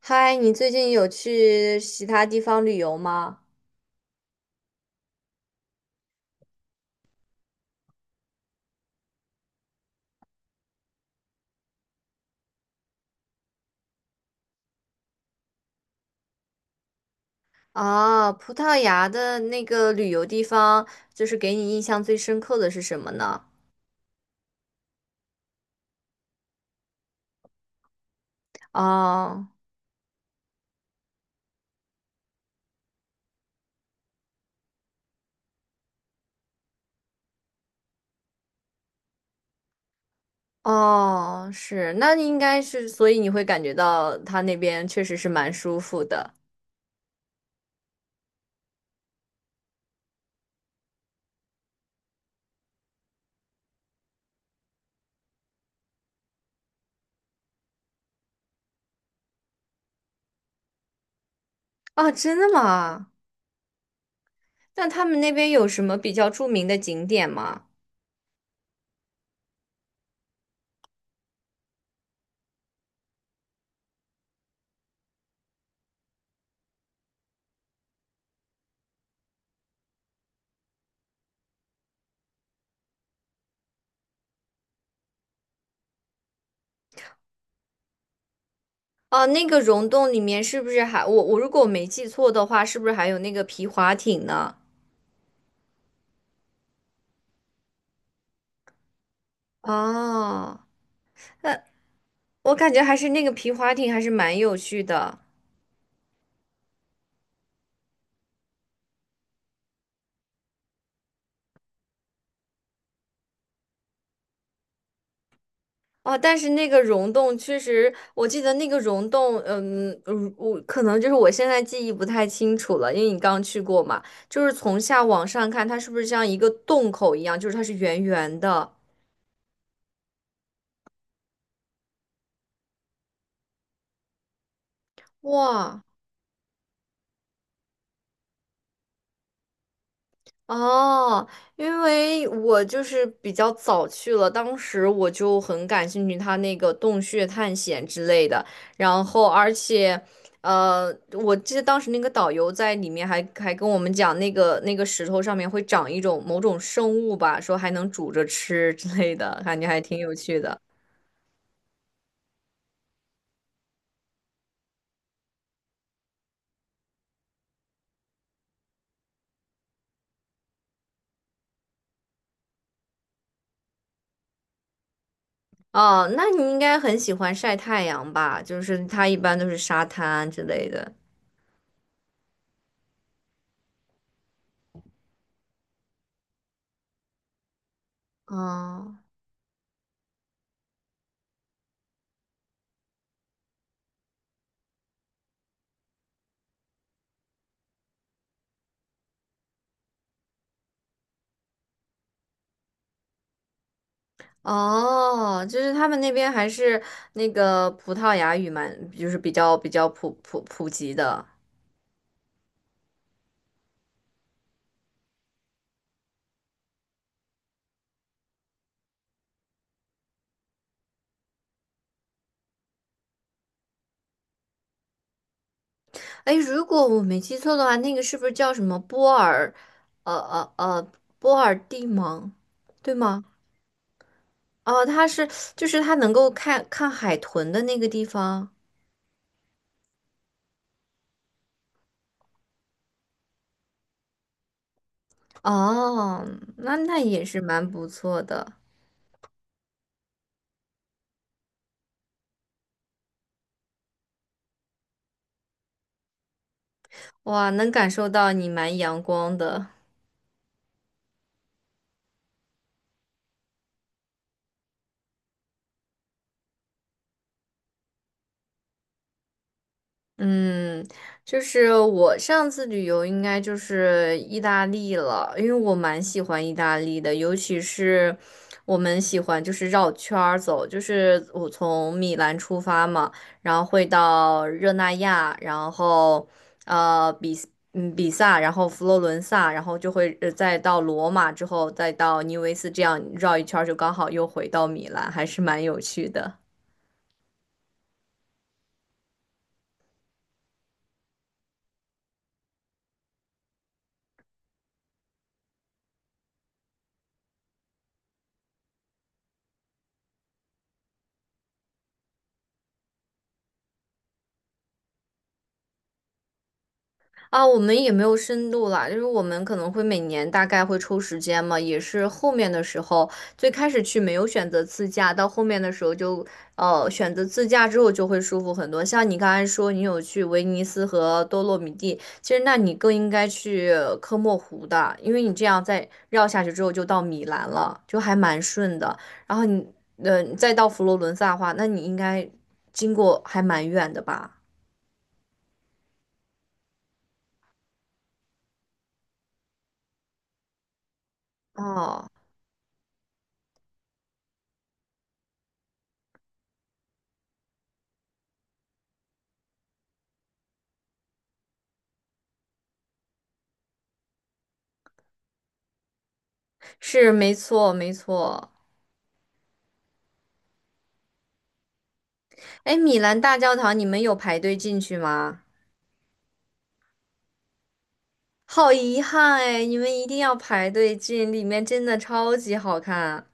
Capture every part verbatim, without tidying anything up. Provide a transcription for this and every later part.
嗨，你最近有去其他地方旅游吗？啊，葡萄牙的那个旅游地方，就是给你印象最深刻的是什么呢？哦哦，是，那你应该是，所以你会感觉到他那边确实是蛮舒服的。啊，真的吗？那他们那边有什么比较著名的景点吗？哦，那个溶洞里面是不是还，我我如果我没记错的话，是不是还有那个皮划艇呢？哦，那我感觉还是那个皮划艇还是蛮有趣的。哦，但是那个溶洞确实，我记得那个溶洞，嗯，嗯我可能就是我现在记忆不太清楚了，因为你刚去过嘛，就是从下往上看，它是不是像一个洞口一样，就是它是圆圆的，哇。哦，因为我就是比较早去了，当时我就很感兴趣他那个洞穴探险之类的，然后而且，呃，我记得当时那个导游在里面还还跟我们讲，那个那个石头上面会长一种某种生物吧，说还能煮着吃之类的，感觉还挺有趣的。哦，那你应该很喜欢晒太阳吧？就是它一般都是沙滩之类的。哦。哦，就是他们那边还是那个葡萄牙语蛮，就是比较比较普普普及的。哎，如果我没记错的话，那个是不是叫什么波尔，呃呃呃，波尔蒂蒙，对吗？哦，它是就是它能够看看海豚的那个地方。哦，那那也是蛮不错的。哇，能感受到你蛮阳光的。嗯，就是我上次旅游应该就是意大利了，因为我蛮喜欢意大利的，尤其是我们喜欢就是绕圈儿走，就是我从米兰出发嘛，然后会到热那亚，然后呃比嗯比萨，然后佛罗伦萨，然后就会呃再到罗马之后再到尼维斯，这样绕一圈儿就刚好又回到米兰，还是蛮有趣的。啊，我们也没有深度啦，就是我们可能会每年大概会抽时间嘛，也是后面的时候，最开始去没有选择自驾，到后面的时候就呃选择自驾之后就会舒服很多。像你刚才说你有去威尼斯和多洛米蒂，其实那你更应该去科莫湖的，因为你这样再绕下去之后就到米兰了，就还蛮顺的。然后你呃再到佛罗伦萨的话，那你应该经过还蛮远的吧？哦，是没错没错。哎，米兰大教堂，你们有排队进去吗？好遗憾哎，你们一定要排队进，里面真的超级好看。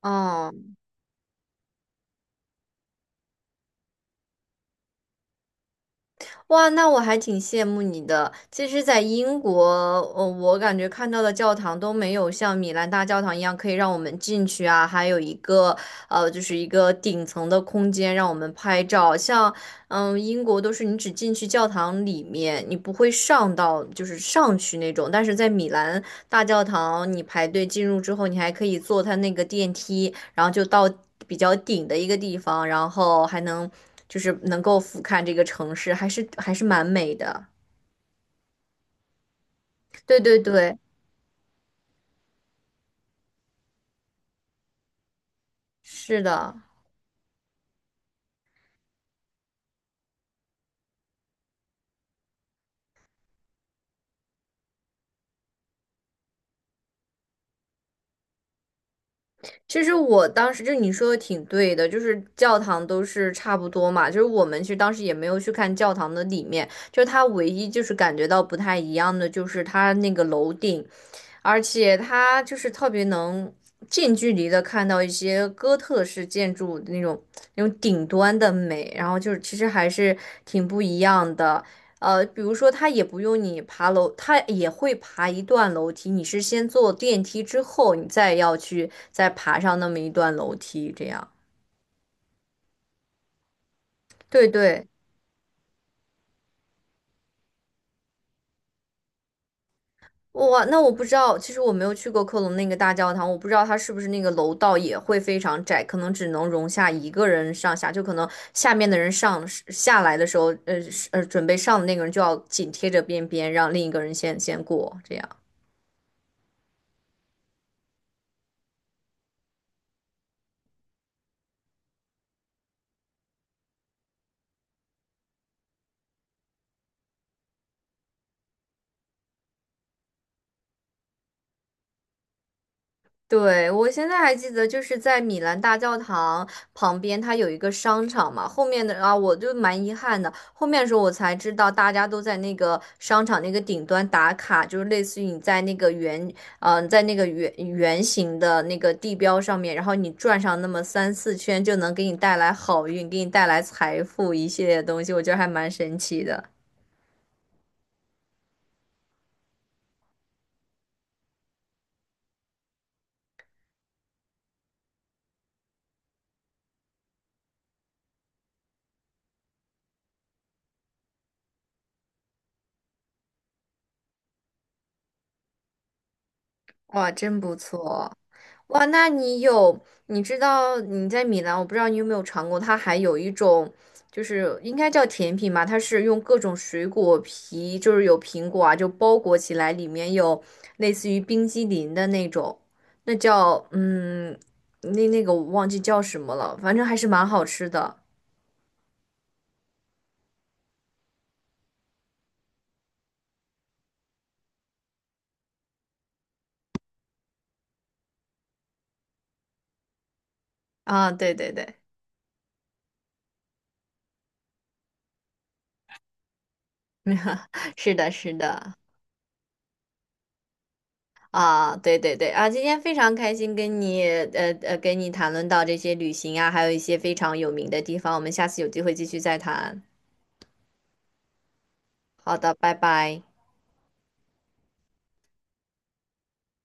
哦，哇，那我还挺羡慕你的。其实，在英国，呃，我感觉看到的教堂都没有像米兰大教堂一样可以让我们进去啊，还有一个，呃，就是一个顶层的空间让我们拍照。像嗯，英国都是你只进去教堂里面，你不会上到就是上去那种。但是在米兰大教堂，你排队进入之后，你还可以坐它那个电梯，然后就到比较顶的一个地方，然后还能就是能够俯瞰这个城市，还是还是蛮美的。对对对，是的。其实我当时就你说的挺对的，就是教堂都是差不多嘛，就是我们其实当时也没有去看教堂的里面，就是它唯一就是感觉到不太一样的，就是它那个楼顶，而且它就是特别能近距离的看到一些哥特式建筑那种那种顶端的美，然后就是其实还是挺不一样的。呃，比如说它也不用你爬楼，它也会爬一段楼梯，你是先坐电梯之后，你再要去再爬上那么一段楼梯，这样。对对。哇，那我不知道，其实我没有去过科隆那个大教堂，我不知道它是不是那个楼道也会非常窄，可能只能容下一个人上下，就可能下面的人上下来的时候，呃是呃，准备上的那个人就要紧贴着边边，让另一个人先先过，这样。对，我现在还记得，就是在米兰大教堂旁边，它有一个商场嘛。后面的啊，我就蛮遗憾的，后面的时候我才知道，大家都在那个商场那个顶端打卡，就是类似于你在那个圆，嗯、在那个圆圆形的那个地标上面，然后你转上那么三四圈，就能给你带来好运，给你带来财富一系列的东西，我觉得还蛮神奇的。哇，真不错。哇，那你有，你知道你在米兰，我不知道你有没有尝过，它还有一种，就是应该叫甜品吧，它是用各种水果皮，就是有苹果啊，就包裹起来，里面有类似于冰激凌的那种，那叫嗯，那那个我忘记叫什么了，反正还是蛮好吃的。啊，对对对，是的，是的。啊，对对对啊，今天非常开心跟你呃呃跟你谈论到这些旅行啊，还有一些非常有名的地方，我们下次有机会继续再谈。好的，拜拜。